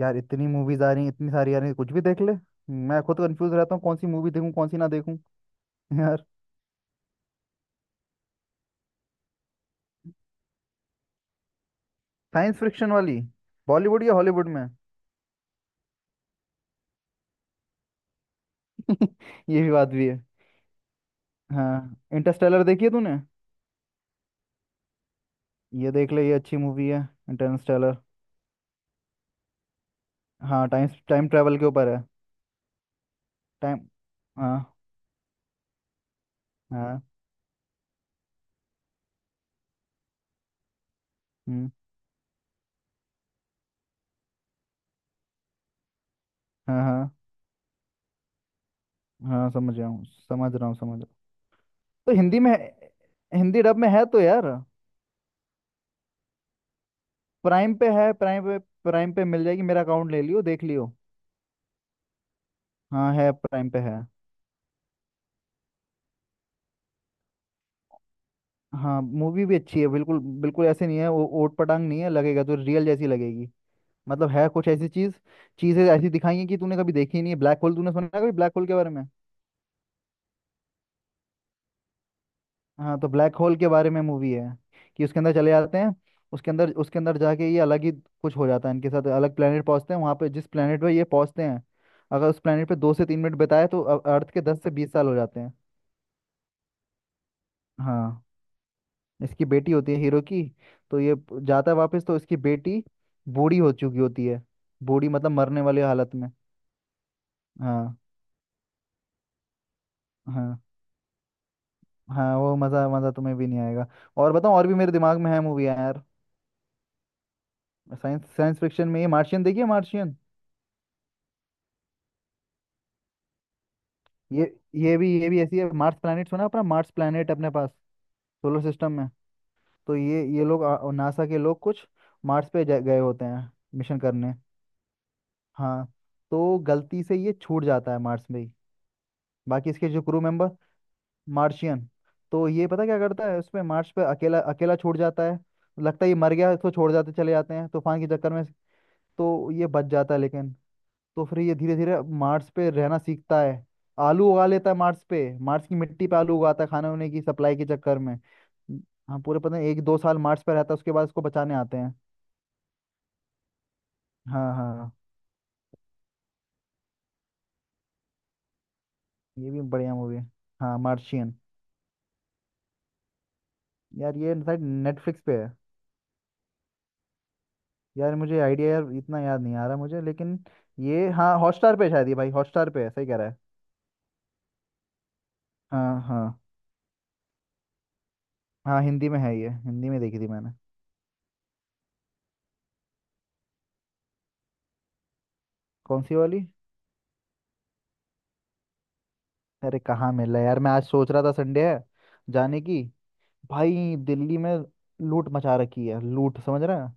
यार इतनी मूवीज आ रही हैं इतनी सारी आ रही हैं कुछ भी देख ले। मैं खुद कंफ्यूज रहता हूँ कौन सी मूवी देखूँ कौन सी ना देखूँ। यार। साइंस फिक्शन वाली। बॉलीवुड या हॉलीवुड में? ये भी बात भी है। हाँ, इंटरस्टेलर देखी है तूने? ये देख ले, ये अच्छी मूवी है। इंटरस्टेलर। हाँ, टाइम टाइम ट्रैवल के ऊपर है। टाइम। हाँ। हाँ। हम्म। हाँ, हाँ, हाँ, समझ रहा हूँ, समझ रहा हूँ, समझ रहा हूँ। तो हिंदी में है- हिंदी डब में है तो यार। प्राइम पे है, प्राइम पे। प्राइम पे मिल जाएगी, मेरा अकाउंट ले लियो, देख लियो। हाँ, है, प्राइम पे है। हाँ, मूवी भी अच्छी है, बिल्कुल बिल्कुल ऐसे नहीं है, वो ओट पटांग नहीं है, लगेगा तो रियल जैसी लगेगी। मतलब है कुछ ऐसी चीज, चीजें ऐसी दिखाई हैं कि तूने कभी देखी ही नहीं है। ब्लैक होल, तूने सुना है कभी ब्लैक होल के बारे में? हाँ, तो ब्लैक होल के बारे में मूवी है कि उसके अंदर चले जाते हैं। उसके अंदर जाके ये अलग ही कुछ हो जाता है, इनके साथ अलग प्लेनेट पहुंचते हैं, वहां पे जिस प्लेनेट पे ये पहुंचते हैं अगर उस प्लेनेट पे 2 से 3 मिनट बिताए तो अर्थ के 10 से 20 साल हो जाते हैं। हाँ। इसकी बेटी होती है, हीरो की। तो ये जाता है वापस तो इसकी बेटी बूढ़ी हो चुकी होती है। बूढ़ी मतलब मरने वाली हालत में। हाँ। हाँ। हाँ, वो मज़ा मज़ा तुम्हें भी नहीं आएगा। और बताओ, और भी मेरे दिमाग में है मूवी यार। साइंस साइंस फिक्शन में ये मार्शियन, देखिए मार्शियन। ये ये भी ऐसी है। मार्स प्लैनेट सुना है? अपना मार्स प्लैनेट अपने पास, सोलर सिस्टम में। तो ये लोग नासा के लोग कुछ मार्स पे गए होते हैं, मिशन करने। हाँ, तो गलती से ये छूट जाता है मार्स में ही। बाकी इसके जो क्रू मेंबर। मार्शियन। तो ये पता क्या करता है उसमें, मार्स पे अकेला अकेला छोड़ जाता है। लगता है ये मर गया है, इसको छोड़ जाते, चले जाते हैं तूफान के चक्कर में। तो ये बच जाता है लेकिन। तो फिर ये धीरे धीरे मार्स पे रहना सीखता है। आलू उगा लेता है मार्स पे, मार्स की मिट्टी पे आलू उगाता है, खाने होने की सप्लाई के चक्कर में। हाँ, पूरे पता नहीं, एक दो साल मार्स पे रहता है, उसके बाद उसको बचाने आते हैं। हाँ, हाँ, हाँ। ये भी बढ़िया मूवी है। हाँ, मार्शियन। यार ये शायद नेटफ्लिक्स पे है। यार मुझे आइडिया यार इतना याद नहीं आ रहा मुझे, लेकिन ये हाँ हॉटस्टार पे शायद, ये भाई हॉटस्टार पे है, सही कह रहा है। हाँ, हाँ। हाँ हिंदी में है, ये हिंदी में देखी थी मैंने। कौन सी वाली? अरे कहाँ मिल रहा है यार, मैं आज सोच रहा था, संडे है, जाने की। भाई दिल्ली में लूट मचा रखी है, लूट, समझ रहा है?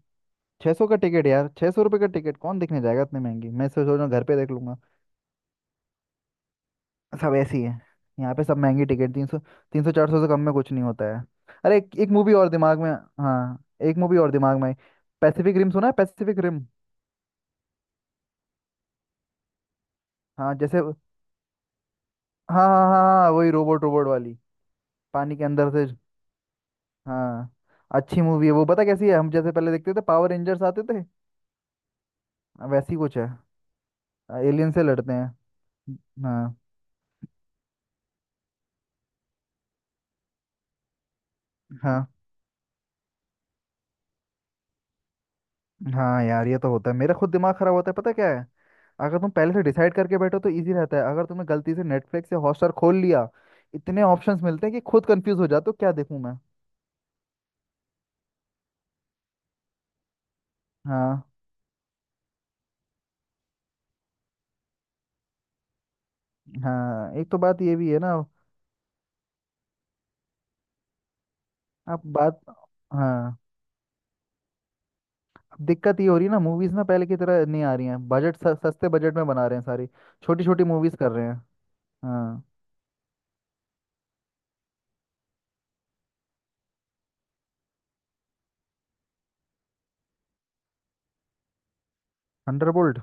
600 का टिकट यार, 600 रुपये का टिकट कौन देखने जाएगा इतने महंगी। मैं सोच रहा हूँ घर पे देख लूंगा। सब ऐसी है, यहाँ पे सब महंगी टिकट, 300, 300 400 से कम में कुछ नहीं होता है। अरे एक मूवी और दिमाग में। हाँ, एक मूवी और दिमाग में। पैसिफिक रिम सुना है? Pacific rim. हाँ जैसे। हाँ, हाँ, हाँ, हाँ, वही रोबोट रोबोट वाली, पानी के अंदर से। हाँ। अच्छी मूवी है वो, पता कैसी है, हम जैसे पहले देखते थे पावर रेंजर्स आते थे, वैसी कुछ है, एलियन से लड़ते हैं। हाँ। हाँ। हाँ यार, ये तो होता है, मेरा खुद दिमाग खराब होता है, पता क्या है, अगर तुम पहले से डिसाइड करके बैठो तो इजी रहता है, अगर तुमने गलती से नेटफ्लिक्स या हॉटस्टार खोल लिया इतने ऑप्शंस मिलते हैं कि खुद कंफ्यूज हो जाते हो, क्या देखूं मैं। हाँ। हाँ, एक तो बात ये भी है ना। अब बात, हाँ, अब दिक्कत ये हो रही है ना, मूवीज ना पहले की तरह नहीं आ रही हैं, बजट सस्ते बजट में बना रहे हैं सारी, छोटी छोटी मूवीज कर रहे हैं। हाँ। थंडरबोल्ट।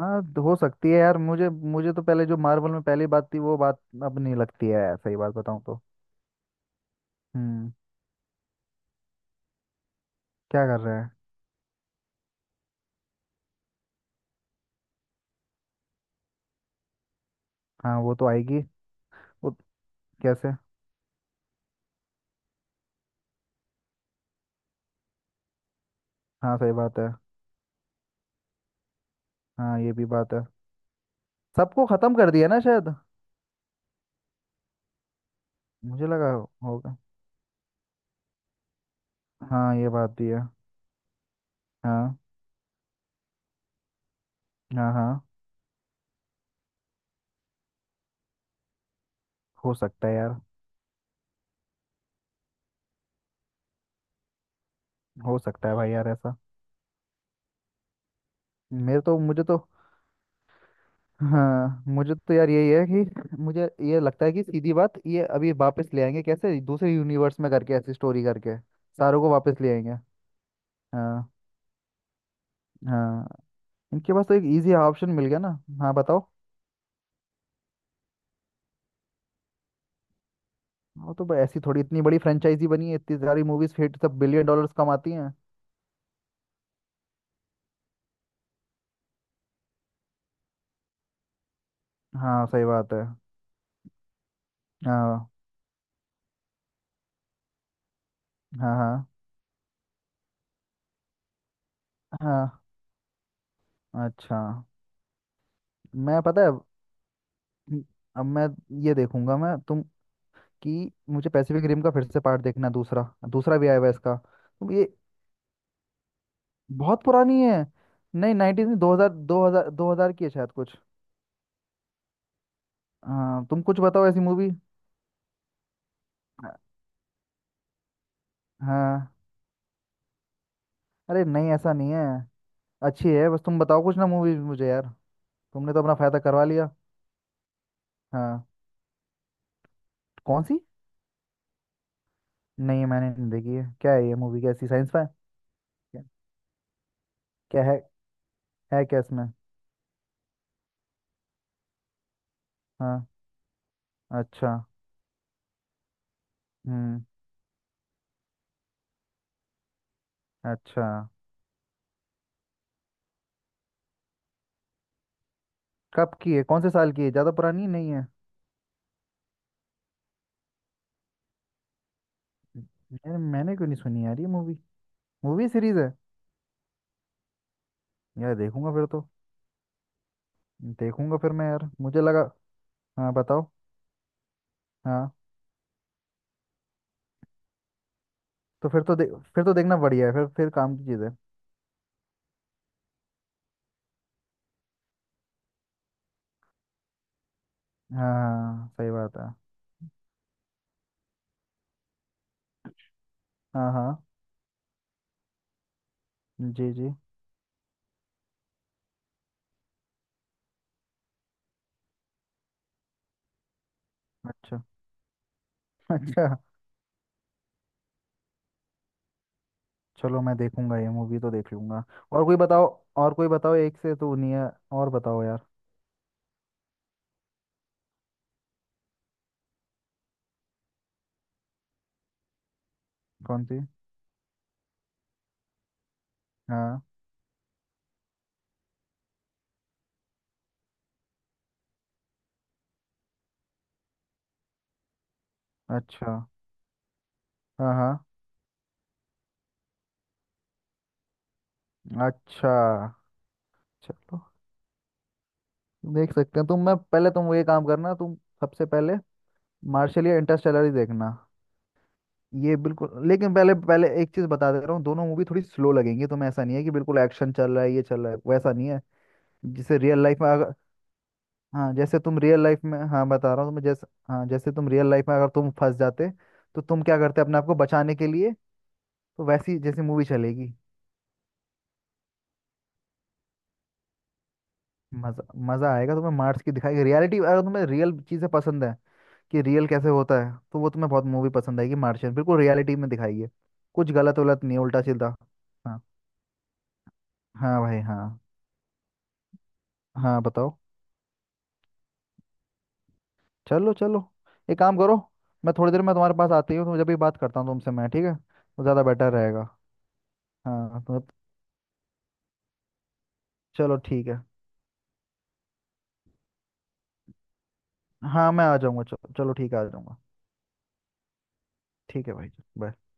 हाँ, तो हो सकती है यार, मुझे मुझे तो पहले जो मार्वल में पहली बात थी वो बात अब नहीं लगती है यार, सही बात बताऊं तो। हम्म। क्या कर रहे हैं? हाँ, वो तो आएगी। वो, कैसे? हाँ, सही बात है। हाँ, ये भी बात है। सबको खत्म कर दिया ना शायद। मुझे लगा होगा। हाँ, ये बात भी है। हाँ, हाँ, हाँ। हो सकता है यार, हो सकता है भाई यार ऐसा। मेरे तो मुझे तो, हाँ मुझे तो यार, यही है कि मुझे ये लगता है कि सीधी बात ये अभी वापस ले आएंगे, कैसे दूसरे यूनिवर्स में करके ऐसी स्टोरी करके सारों को वापस ले आएंगे। हाँ। हाँ। इनके पास तो एक इजी ऑप्शन मिल गया ना। हाँ बताओ। वो तो भाई, ऐसी थोड़ी इतनी बड़ी फ्रेंचाइजी बनी है, इतनी सारी मूवीज हिट, सब बिलियन डॉलर्स कमाती हैं। हाँ, सही बात है। हाँ, हाँ, हाँ, हाँ। अच्छा। मैं पता है अब मैं ये देखूंगा मैं, तुम कि मुझे पैसिफिक रिम का फिर से पार्ट देखना है, दूसरा, दूसरा भी आया हुआ है इसका। तुम ये बहुत पुरानी है, नहीं नाइनटीज में, दो हजार की है शायद कुछ। हाँ, तुम कुछ बताओ ऐसी मूवी। हाँ। अरे नहीं ऐसा नहीं है, अच्छी है, बस तुम बताओ कुछ ना मूवी मुझे यार, तुमने तो अपना फायदा करवा लिया। हाँ। कौन सी? नहीं मैंने नहीं देखी है, क्या है ये मूवी, कैसी साइंस फाई? क्या? क्या है? है क्या इसमें? हाँ। अच्छा। हम्म। अच्छा। कब की है? कौन से साल की है? ज़्यादा पुरानी नहीं है? यार मैंने क्यों नहीं सुनी यार ये मूवी? मूवी सीरीज है? यार देखूंगा फिर तो, देखूंगा फिर मैं यार, मुझे लगा। हाँ बताओ। हाँ। तो फिर तो देखना बढ़िया है, फिर काम की चीज़ है। हाँ, हाँ, सही बात है। हाँ। हाँ। जी जी। अच्छा। अच्छा। चलो मैं देखूंगा, ये मूवी तो देख लूंगा। और कोई बताओ, और कोई बताओ, एक से तो नहीं है। और बताओ यार। कौन सी? हाँ। अच्छा। हाँ। हाँ। अच्छा। चलो देख सकते हैं। तुम मैं पहले, तुम ये काम करना, तुम सबसे पहले मार्शल या इंटरस्टेलर ही देखना। ये बिल्कुल, लेकिन पहले पहले एक चीज बता दे रहा हूँ, दोनों मूवी थोड़ी स्लो लगेंगी तुम्हें, ऐसा नहीं है कि बिल्कुल एक्शन चल रहा है, ये चल रहा है, वैसा नहीं है। जैसे रियल लाइफ में अगर, हाँ जैसे तुम रियल लाइफ में, हाँ बता रहा हूँ तुम्हें, जैसे हाँ जैसे तुम रियल लाइफ में अगर तुम फंस जाते तो तुम क्या करते अपने आप को बचाने के लिए। तो वैसी जैसी मूवी चलेगी। मजा मजा आएगा तुम्हें, मार्स की दिखाएगी रियलिटी, अगर तुम्हें रियल चीजें पसंद है कि रियल कैसे होता है तो वो तुम्हें बहुत मूवी पसंद आएगी मार्शियन, बिल्कुल रियलिटी में दिखाई है कुछ गलत वलत नहीं, उल्टा सीधा। हाँ। हाँ भाई, हाँ। हाँ बताओ। चलो चलो, एक काम करो, मैं थोड़ी देर में तुम्हारे पास आती हूँ तो जब भी बात करता हूँ तुमसे मैं, ठीक है, वो ज़्यादा बेटर रहेगा। हाँ तो, चलो ठीक है। हाँ मैं आ जाऊँगा, चलो चलो ठीक है, आ जाऊँगा। ठीक है भाई। बाय।